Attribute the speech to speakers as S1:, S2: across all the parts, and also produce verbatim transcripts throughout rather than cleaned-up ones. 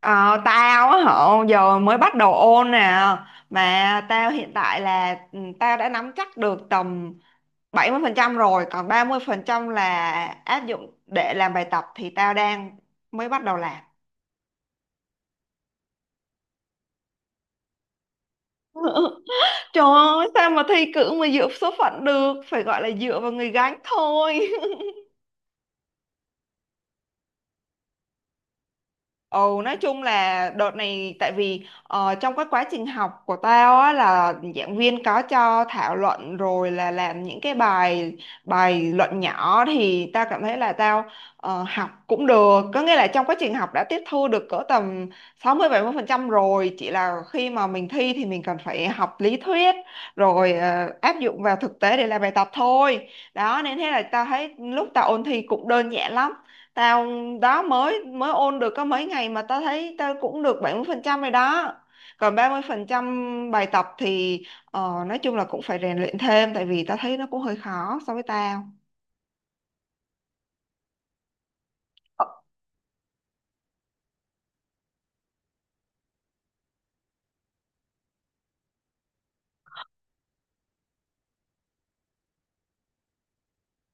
S1: Ờ, Tao á hả giờ mới bắt đầu ôn nè, mà tao hiện tại là ừ, tao đã nắm chắc được tầm bảy mươi phần trăm rồi, còn ba mươi phần trăm là áp dụng để làm bài tập thì tao đang mới bắt đầu làm. Trời ơi, sao mà thi cử mà dựa số phận được, phải gọi là dựa vào người gánh thôi. Ừ, nói chung là đợt này tại vì ờ, trong cái quá trình học của tao á là giảng viên có cho thảo luận rồi là làm những cái bài bài luận nhỏ, thì tao cảm thấy là tao ờ, học cũng được, có nghĩa là trong quá trình học đã tiếp thu được cỡ tầm sáu mươi mươi bảy mươi phần trăm rồi, chỉ là khi mà mình thi thì mình cần phải học lý thuyết rồi ờ, áp dụng vào thực tế để làm bài tập thôi. Đó nên thế là tao thấy lúc tao ôn thi cũng đơn giản lắm. Tao đó mới mới ôn được có mấy ngày mà tao thấy tao cũng được bảy mươi phần trăm rồi đó. Còn ba mươi phần trăm bài tập thì ờ, nói chung là cũng phải rèn luyện thêm, tại vì tao thấy nó cũng hơi khó so với tao.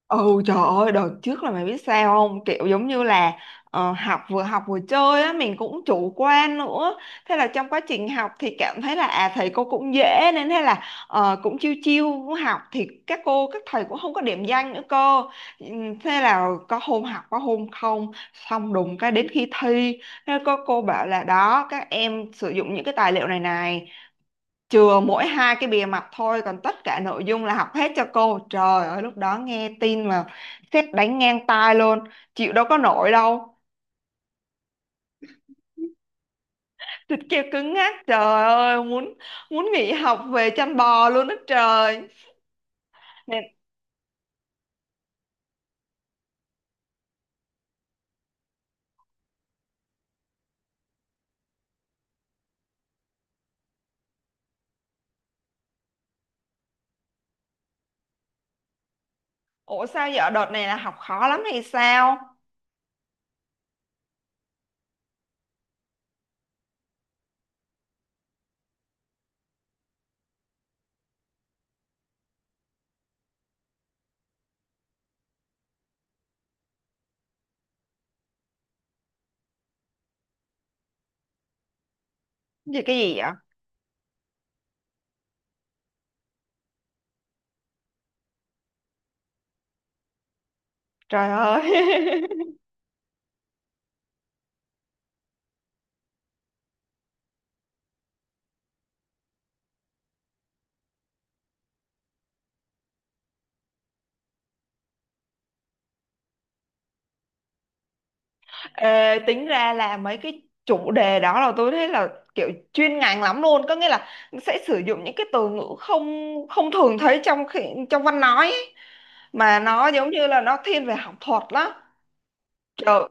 S1: Ừ, trời ơi đợt trước là mày biết sao không, kiểu giống như là ờ, học vừa học vừa chơi á, mình cũng chủ quan nữa, thế là trong quá trình học thì cảm thấy là à thầy cô cũng dễ, nên thế là ờ, cũng chiêu chiêu cũng học thì các cô các thầy cũng không có điểm danh nữa cơ. Ừm, thế là có hôm học có hôm không, xong đùng cái đến khi thi thế có cô bảo là đó các em sử dụng những cái tài liệu này này, chừa mỗi hai cái bìa mặt thôi còn tất cả nội dung là học hết cho cô. Trời ơi lúc đó nghe tin mà sét đánh ngang tai luôn, chịu đâu có nổi đâu, thịt kêu cứng ngắc. Trời ơi muốn muốn nghỉ học về chăn bò luôn đó trời. Nên ủa sao giờ đợt này là học khó lắm hay sao, gì cái gì vậy? Trời ơi. Ê, tính ra là mấy cái chủ đề đó là tôi thấy là kiểu chuyên ngành lắm luôn, có nghĩa là sẽ sử dụng những cái từ ngữ không không thường thấy trong khi, trong văn nói ấy, mà nó giống như là nó thiên về học thuật lắm. Trời.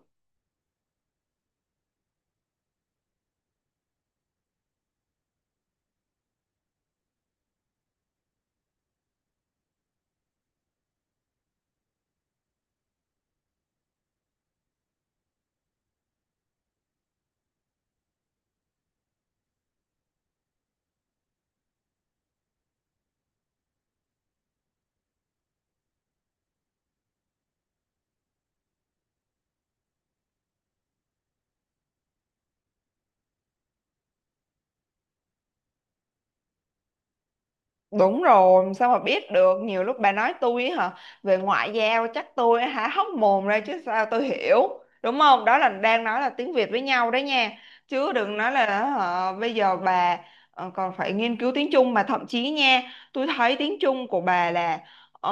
S1: Đúng rồi, sao mà biết được, nhiều lúc bà nói tôi ấy hả, về ngoại giao chắc tôi há hốc mồm ra chứ sao tôi hiểu, đúng không? Đó là đang nói là tiếng Việt với nhau đấy nha, chứ đừng nói là hả, bây giờ bà ờ, còn phải nghiên cứu tiếng Trung mà thậm chí nha, tôi thấy tiếng Trung của bà là ờ,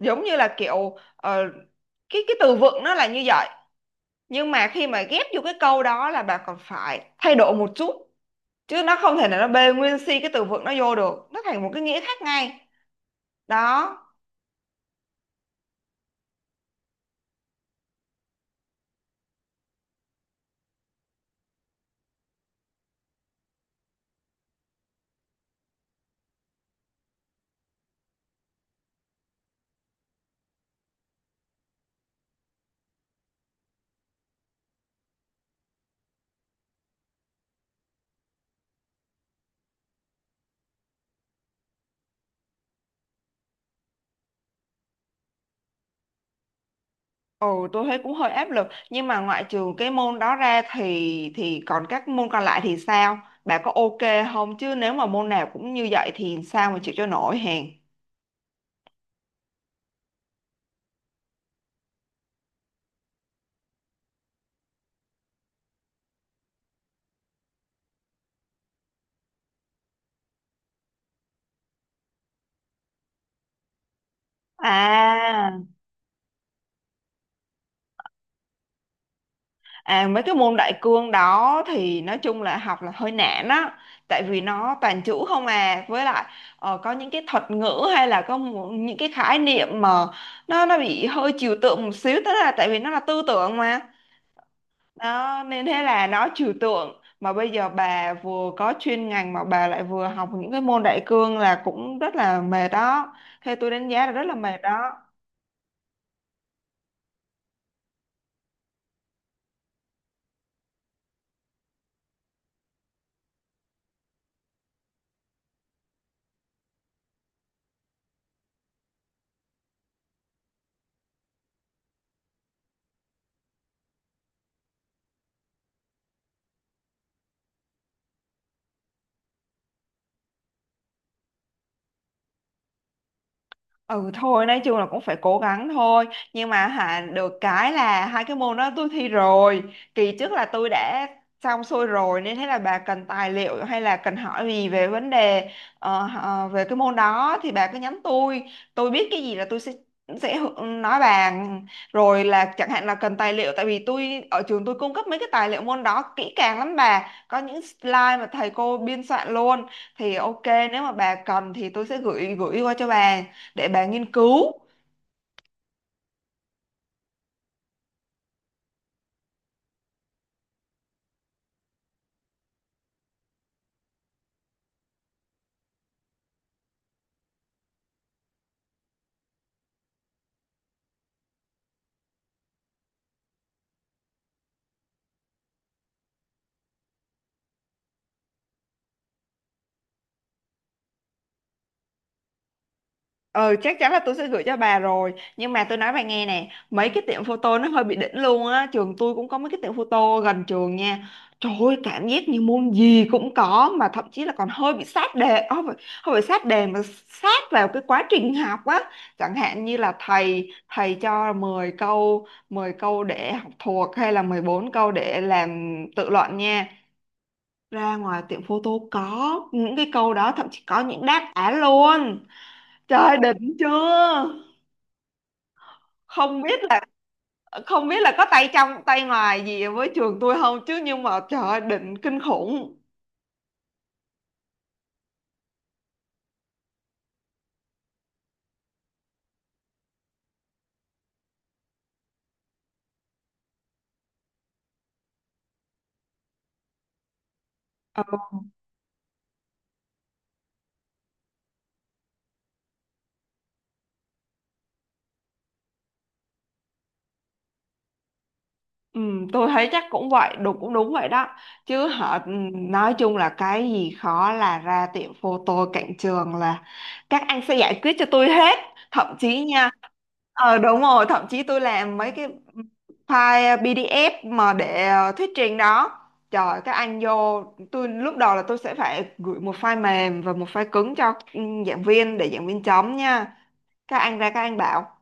S1: giống như là kiểu ờ, cái cái từ vựng nó là như vậy, nhưng mà khi mà ghép vô cái câu đó là bà còn phải thay đổi một chút, chứ nó không thể nào nó bê nguyên si cái từ vựng nó vô được, nó thành một cái nghĩa khác ngay đó. Ừ, tôi thấy cũng hơi áp lực, nhưng mà ngoại trừ cái môn đó ra thì thì còn các môn còn lại thì sao, bà có ok không? Chứ nếu mà môn nào cũng như vậy thì sao mà chịu cho nổi hèn à. À, mấy cái môn đại cương đó thì nói chung là học là hơi nản á, tại vì nó toàn chữ không à, với lại ờ, có những cái thuật ngữ hay là có một- những cái khái niệm mà nó nó bị hơi trừu tượng một xíu, tức là tại vì nó là tư tưởng mà. Đó nên thế là nó trừu tượng mà bây giờ bà vừa có chuyên ngành mà bà lại vừa học những cái môn đại cương là cũng rất là mệt đó, theo tôi đánh giá là rất là mệt đó. Ừ thôi nói chung là cũng phải cố gắng thôi. Nhưng mà hả, được cái là hai cái môn đó tôi thi rồi, kỳ trước là tôi đã xong xuôi rồi. Nên thế là bà cần tài liệu hay là cần hỏi gì về vấn đề ờ, ờ, về cái môn đó thì bà cứ nhắn tôi. Tôi biết cái gì là tôi sẽ sẽ hự- nói bà. Rồi là chẳng hạn là cần tài liệu, tại vì tôi ở trường tôi cung cấp mấy cái tài liệu môn đó kỹ càng lắm bà, có những slide mà thầy cô biên soạn luôn. Thì ok, nếu mà bà cần thì tôi sẽ gửi gửi qua cho bà để bà nghiên cứu. ờ Chắc chắn là tôi sẽ gửi cho bà rồi, nhưng mà tôi nói bà nghe nè, mấy cái tiệm photo nó hơi bị đỉnh luôn á. Trường tôi cũng có mấy cái tiệm photo gần trường nha, trời ơi cảm giác như môn gì cũng có, mà thậm chí là còn hơi bị sát đề. Không phải, không phải sát đề mà sát vào cái quá trình học á. Chẳng hạn như là thầy thầy cho mười câu mười câu để học thuộc hay là mười bốn câu để làm tự luận nha, ra ngoài tiệm photo có những cái câu đó, thậm chí có những đáp án luôn. Trời, đỉnh chưa? Không biết là không biết là có tay trong tay ngoài gì với trường tôi không, chứ nhưng mà trời ơi, đỉnh kinh khủng. Ừ, tôi thấy chắc cũng vậy, đúng cũng đúng vậy đó. Chứ họ ừ, nói chung là cái gì khó là ra tiệm photo cạnh trường là các anh sẽ giải quyết cho tôi hết. Thậm chí nha, ờ đúng rồi, thậm chí tôi làm mấy cái file pi đi ép mà để ờ, thuyết trình đó. Trời, các anh vô, tôi lúc đầu là tôi sẽ phải gửi một file mềm và một file cứng cho ừ, giảng viên để giảng viên chấm nha. Các anh ra các anh bảo: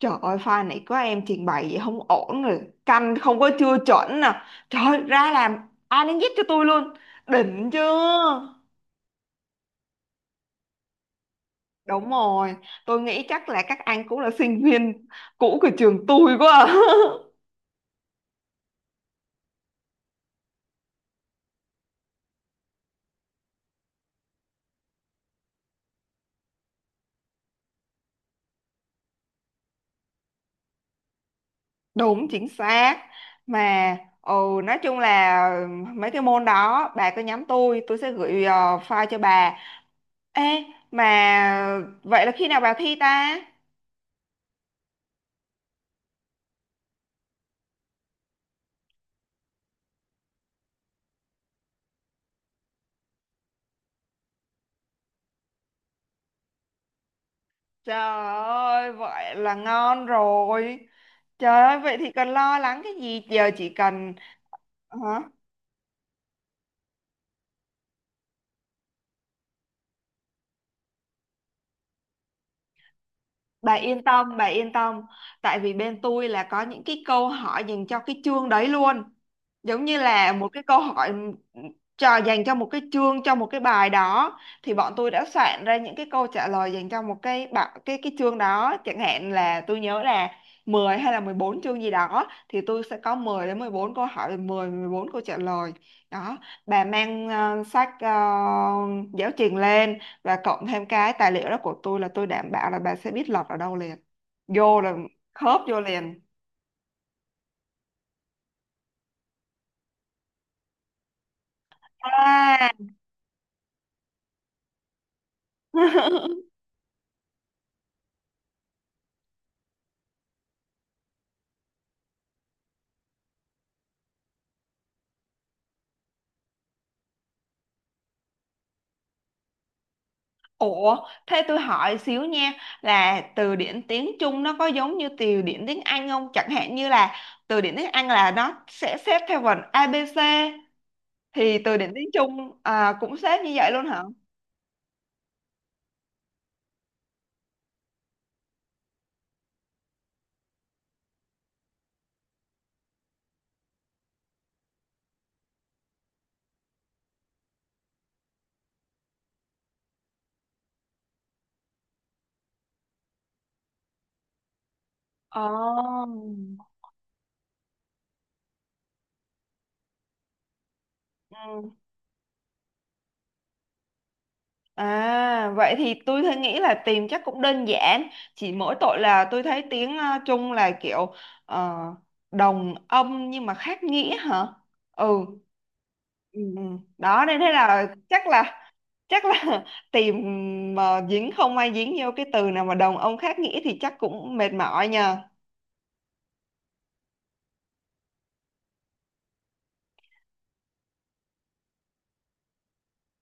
S1: trời ơi pha này có em trình bày vậy không ổn rồi, canh không có chưa chuẩn nè. Trời ơi, ra làm A đến Z cho tôi luôn, đỉnh chưa? Đúng rồi, tôi nghĩ chắc là các anh cũng là sinh viên cũ của trường tôi quá à. Đúng chính xác. Mà ừ, nói chung là mấy cái môn đó bà cứ nhắm tôi Tôi sẽ gửi ờ, file cho bà. Ê, mà vậy là khi nào bà thi ta? Trời ơi, vậy là ngon rồi. Trời ơi, vậy thì cần lo lắng cái gì? Giờ chỉ cần hả? Bà yên tâm, bà yên tâm. Tại vì bên tôi là có những cái câu hỏi dành cho cái chương đấy luôn, giống như là một cái câu hỏi cho dành cho một cái chương cho một cái bài đó thì bọn tôi đã soạn ra những cái câu trả lời dành cho một cái bạ- cái cái chương đó. Chẳng hạn là tôi nhớ là mười hay là mười bốn chương gì đó thì tôi sẽ có mười đến mười bốn câu hỏi, mười mười bốn câu trả lời. Đó, bà mang ờ, sách ờ, giáo trình lên và cộng thêm cái tài liệu đó của tôi là tôi đảm bảo là bà sẽ biết lọt ở đâu liền, vô là khớp vô liền à. Ủa, thế tôi hỏi xíu nha, là từ điển tiếng Trung nó có giống như từ điển tiếng Anh không? Chẳng hạn như là từ điển tiếng Anh là nó sẽ xếp theo vần a bê xê, thì từ điển tiếng Trung à, cũng xếp như vậy luôn hả? Ồ. À, vậy thì tôi thấy nghĩ là tìm chắc cũng đơn giản, chỉ mỗi tội là tôi thấy tiếng ờ, Trung là kiểu ờ, đồng âm nhưng mà khác nghĩa hả? Ừ. Ừ. Ừ. Đó nên thế là chắc là chắc là tìm mà dính, không ai dính vô cái từ nào mà đồng âm khác nghĩa thì chắc cũng mệt mỏi nhờ.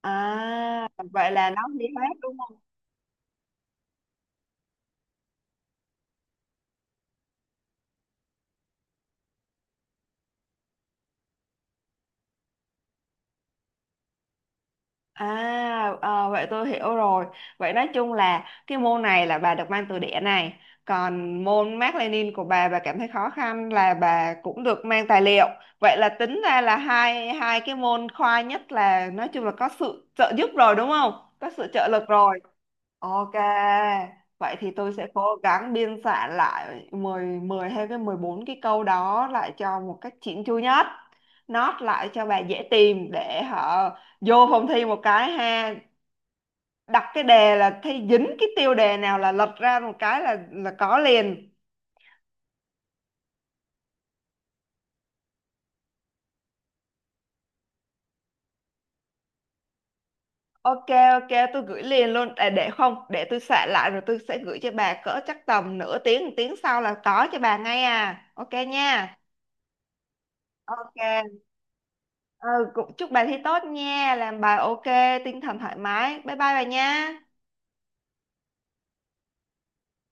S1: À, vậy là nó lý thuyết đúng không? À, ờ, vậy tôi hiểu rồi. Vậy nói chung là cái môn này là bà được mang từ đẻ này, còn môn Mác Lênin của bà bà cảm thấy khó khăn là bà cũng được mang tài liệu. Vậy là tính ra là hai hai cái môn khoa nhất là nói chung là có sự trợ giúp rồi đúng không? Có sự trợ lực rồi. Ok, vậy thì tôi sẽ cố gắng biên soạn lại mười, mười hay cái mười bốn cái câu đó lại cho một cách chỉn chu nhất. Note lại cho bà dễ tìm để họ vô phòng thi một cái ha, đặt cái đề là thi dính cái tiêu đề nào là lật ra một cái là là có liền. Ok ok tôi gửi liền luôn à, để không để tôi soạn lại rồi tôi sẽ gửi cho bà cỡ chắc tầm nửa tiếng một tiếng sau là có cho bà ngay à. Ok nha. Ok, ừ, cũng chúc bà thi tốt nha, làm bài ok, tinh thần thoải mái. Bye bye bà nha.